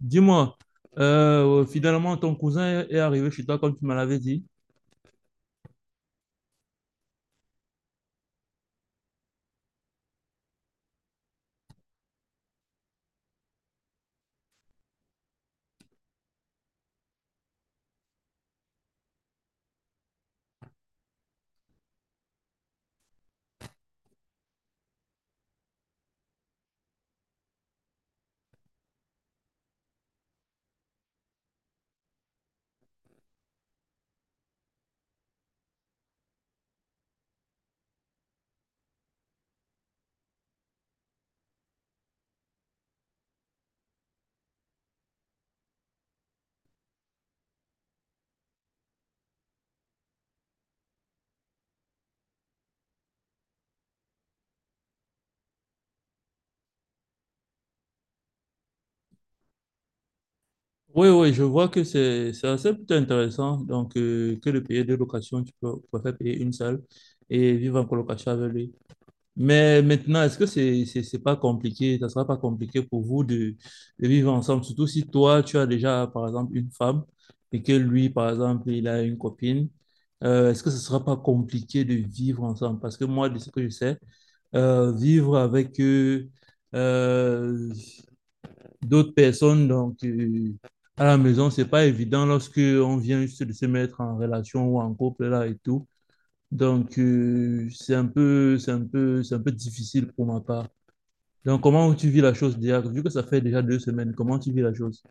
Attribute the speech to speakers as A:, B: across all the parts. A: Dis-moi, finalement, ton cousin est arrivé chez toi comme tu me l'avais dit. Oui, oui, je vois que c'est assez plutôt intéressant. Donc, que de payer deux locations, tu peux, préfères payer une seule et vivre en colocation avec lui. Mais maintenant, est-ce que c'est pas compliqué? Ça sera pas compliqué pour vous de vivre ensemble, surtout si toi, tu as déjà, par exemple, une femme et que lui, par exemple, il a une copine. Est-ce que ce sera pas compliqué de vivre ensemble? Parce que moi, de ce que je sais, vivre avec euh, d'autres personnes. Donc, à la maison, c'est pas évident lorsque on vient juste de se mettre en relation ou en couple là et tout. Donc, c'est un peu difficile pour ma part. Donc, comment tu vis la chose déjà? Vu que ça fait déjà deux semaines, comment tu vis la chose?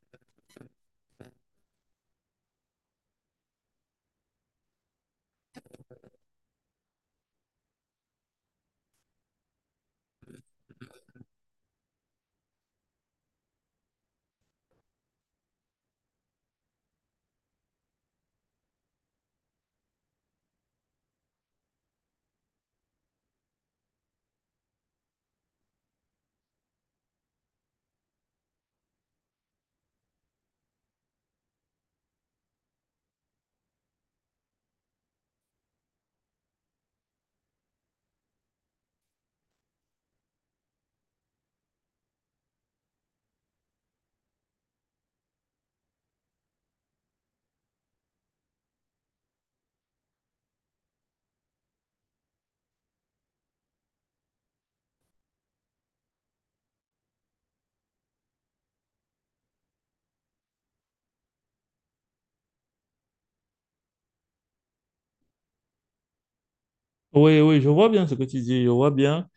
A: Oui, oui, je vois bien ce que tu dis, je vois bien.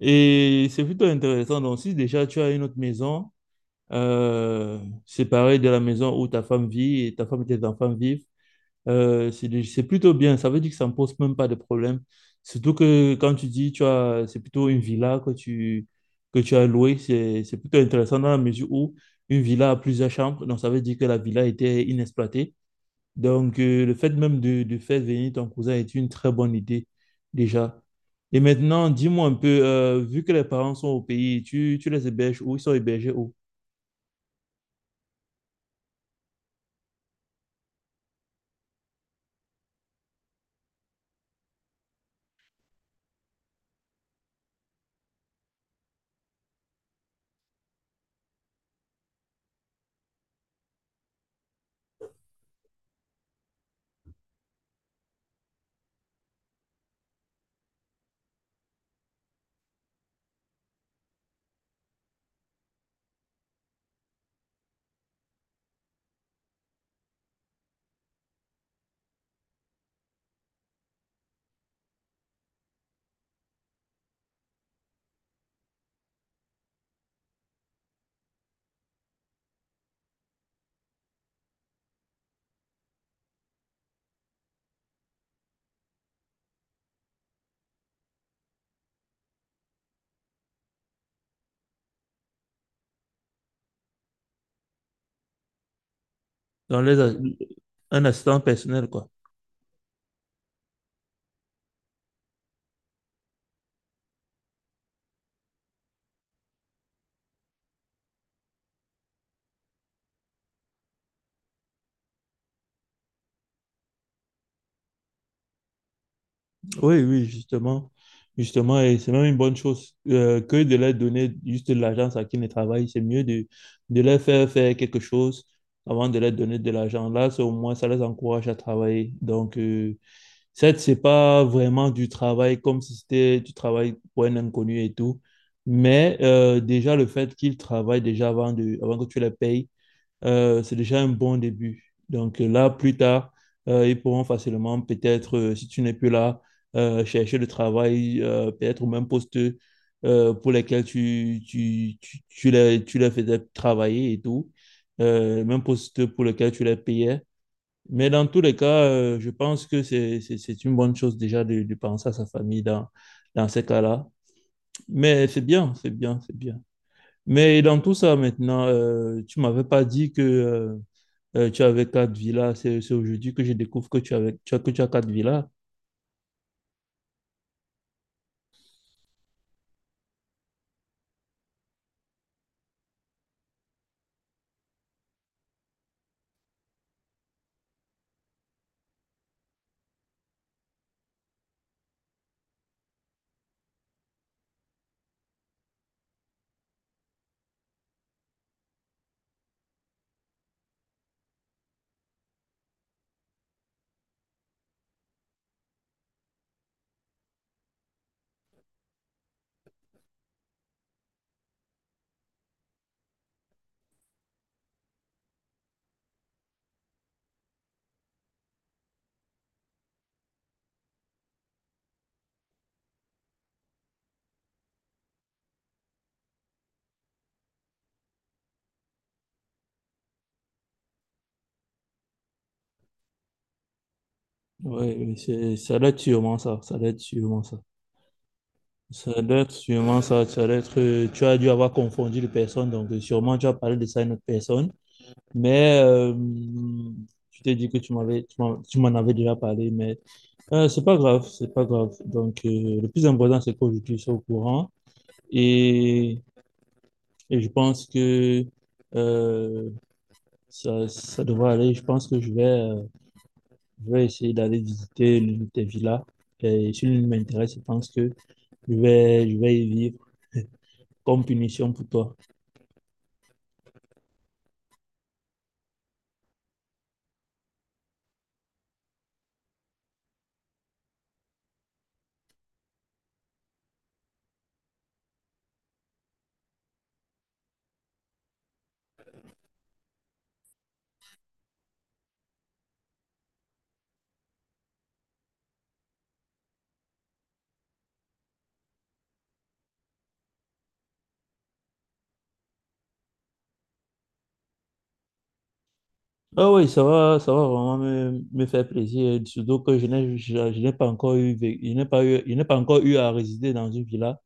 A: Et c'est plutôt intéressant. Donc, si déjà tu as une autre maison, euh, séparée de la maison où ta femme vit et ta femme et tes enfants vivent. C'est plutôt bien. Ça veut dire que ça ne pose même pas de problème. Surtout que quand tu dis, tu as, c'est plutôt une villa que tu as louée. C'est plutôt intéressant dans la mesure où une villa a plusieurs chambres. Donc, ça veut dire que la villa était inexploitée. Donc, le fait même de faire venir ton cousin est une très bonne idée déjà. Et maintenant, dis-moi un peu, vu que les parents sont au pays, tu les héberges où? Ils sont hébergés où? Dans les, a- un assistant personnel, quoi. Oui, oui, justement. Justement, et c'est même une bonne chose que de leur donner juste de l'argent à qui ne travaille. C'est mieux de leur faire faire quelque chose avant de leur donner de l'argent. Là, c'est au moins, ça les encourage à travailler. Donc, certes, c'est pas vraiment du travail comme si c'était du travail pour un inconnu et tout. Mais déjà, le fait qu'ils travaillent déjà avant, avant que tu les payes, c'est déjà un bon début. Donc là, plus tard, ils pourront facilement, peut-être, si tu n'es plus là, chercher le travail, peut-être au même poste pour lesquels tu les faisais travailler et tout, même poste pour lequel tu les payais. Mais dans tous les cas, je pense que c'est une bonne chose déjà de penser à sa famille dans ces cas-là. Mais c'est bien, c'est bien, c'est bien. Mais dans tout ça maintenant, tu m'avais pas dit que tu avais quatre villas, c'est aujourd'hui que je découvre que tu avais, tu as, que tu as quatre villas. Ouais mais ça doit être sûrement ça, ça doit être sûrement ça. Ça doit être sûrement ça, ça doit être, tu as dû avoir confondu les personnes, donc sûrement tu as parlé de ça à une autre personne. Mais tu t'es dit que tu m'en avais déjà parlé, mais c'est pas grave, c'est pas grave. Donc le plus important, c'est qu'aujourd'hui, je suis au courant et, et je pense que euh, ça devrait aller. Je pense que je vais... Je vais essayer d'aller visiter l'une de tes villas. Et si l'une m'intéresse, je pense que je vais y vivre comme punition pour toi. Ah oui, ça va vraiment me faire plaisir. Surtout que je n'ai pas encore eu, vé- je n'ai pas eu, je n'ai pas encore eu à résider dans une villa.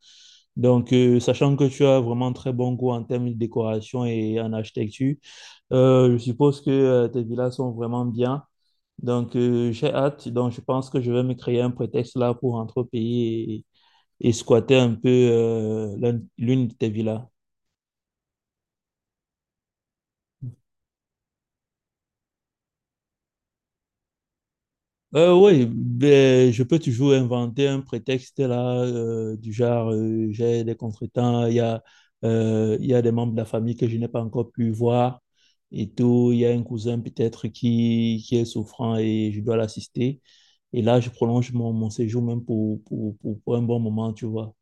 A: Donc, sachant que tu as vraiment très bon goût en termes de décoration et en architecture, je suppose que tes villas sont vraiment bien. Donc, j'ai hâte. Donc, je pense que je vais me créer un prétexte là pour rentrer au pays et squatter un peu l'une de tes villas. Oui, ben, je peux toujours inventer un prétexte là, du genre j'ai des contretemps, il y a des membres de la famille que je n'ai pas encore pu voir et tout, il y a un cousin peut-être qui est souffrant et je dois l'assister. Et là, je prolonge mon séjour même pour un bon moment, tu vois.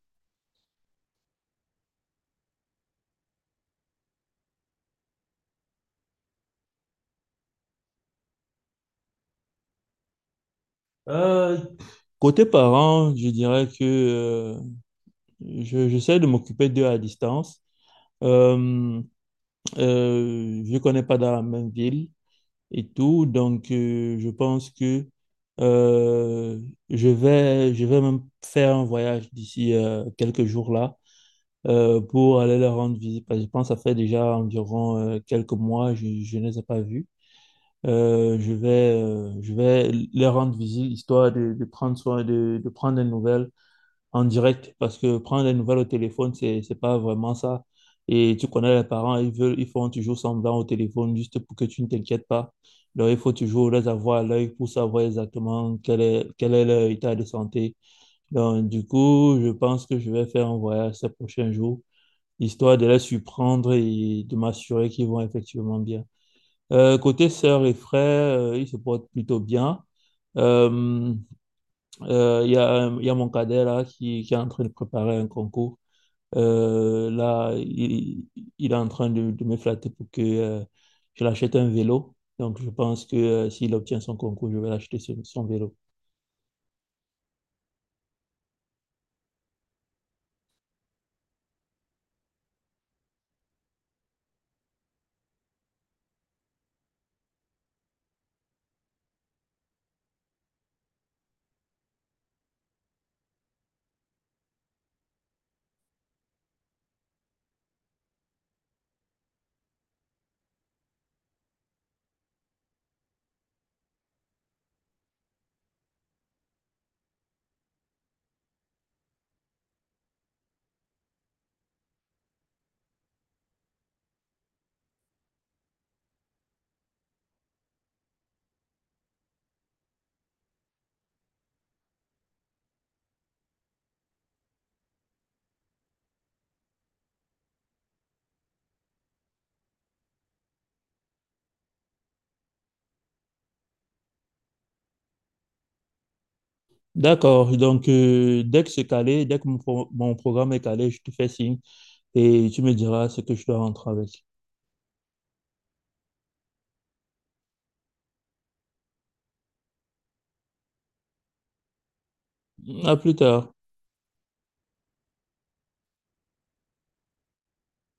A: Euh, Côté parents, je dirais que j'essaie de m'occuper d'eux à distance. Euh, je ne connais pas dans la même ville et tout, donc je pense que euh, je vais même faire un voyage d'ici quelques jours là pour aller leur rendre visite. Parce que je pense que ça fait déjà environ quelques mois, je ne les ai pas vus. Euh, je vais, je vais leur rendre visite histoire de prendre soin, de prendre des nouvelles en direct parce que prendre les nouvelles au téléphone, c'est pas vraiment ça. Et tu connais les parents, ils veulent, ils font toujours semblant au téléphone juste pour que tu ne t'inquiètes pas. Donc, il faut toujours les avoir à l'œil pour savoir exactement quel est leur état de santé. Donc, du coup, je pense que je vais faire un voyage ces prochains jours, histoire de les surprendre et de m'assurer qu'ils vont effectivement bien. Côté sœurs et frères, ils se portent plutôt bien. Euh, Il y a, il y a mon cadet là qui est en train de préparer un concours. Euh, là, il, il est en train de me flatter pour que je l'achète un vélo. Donc, je pense que s'il obtient son concours, je vais l'acheter son vélo. D'accord. Donc, dès que c'est calé, dès que mon programme est calé, je te fais signe et tu me diras ce que je dois rentrer avec. À plus tard.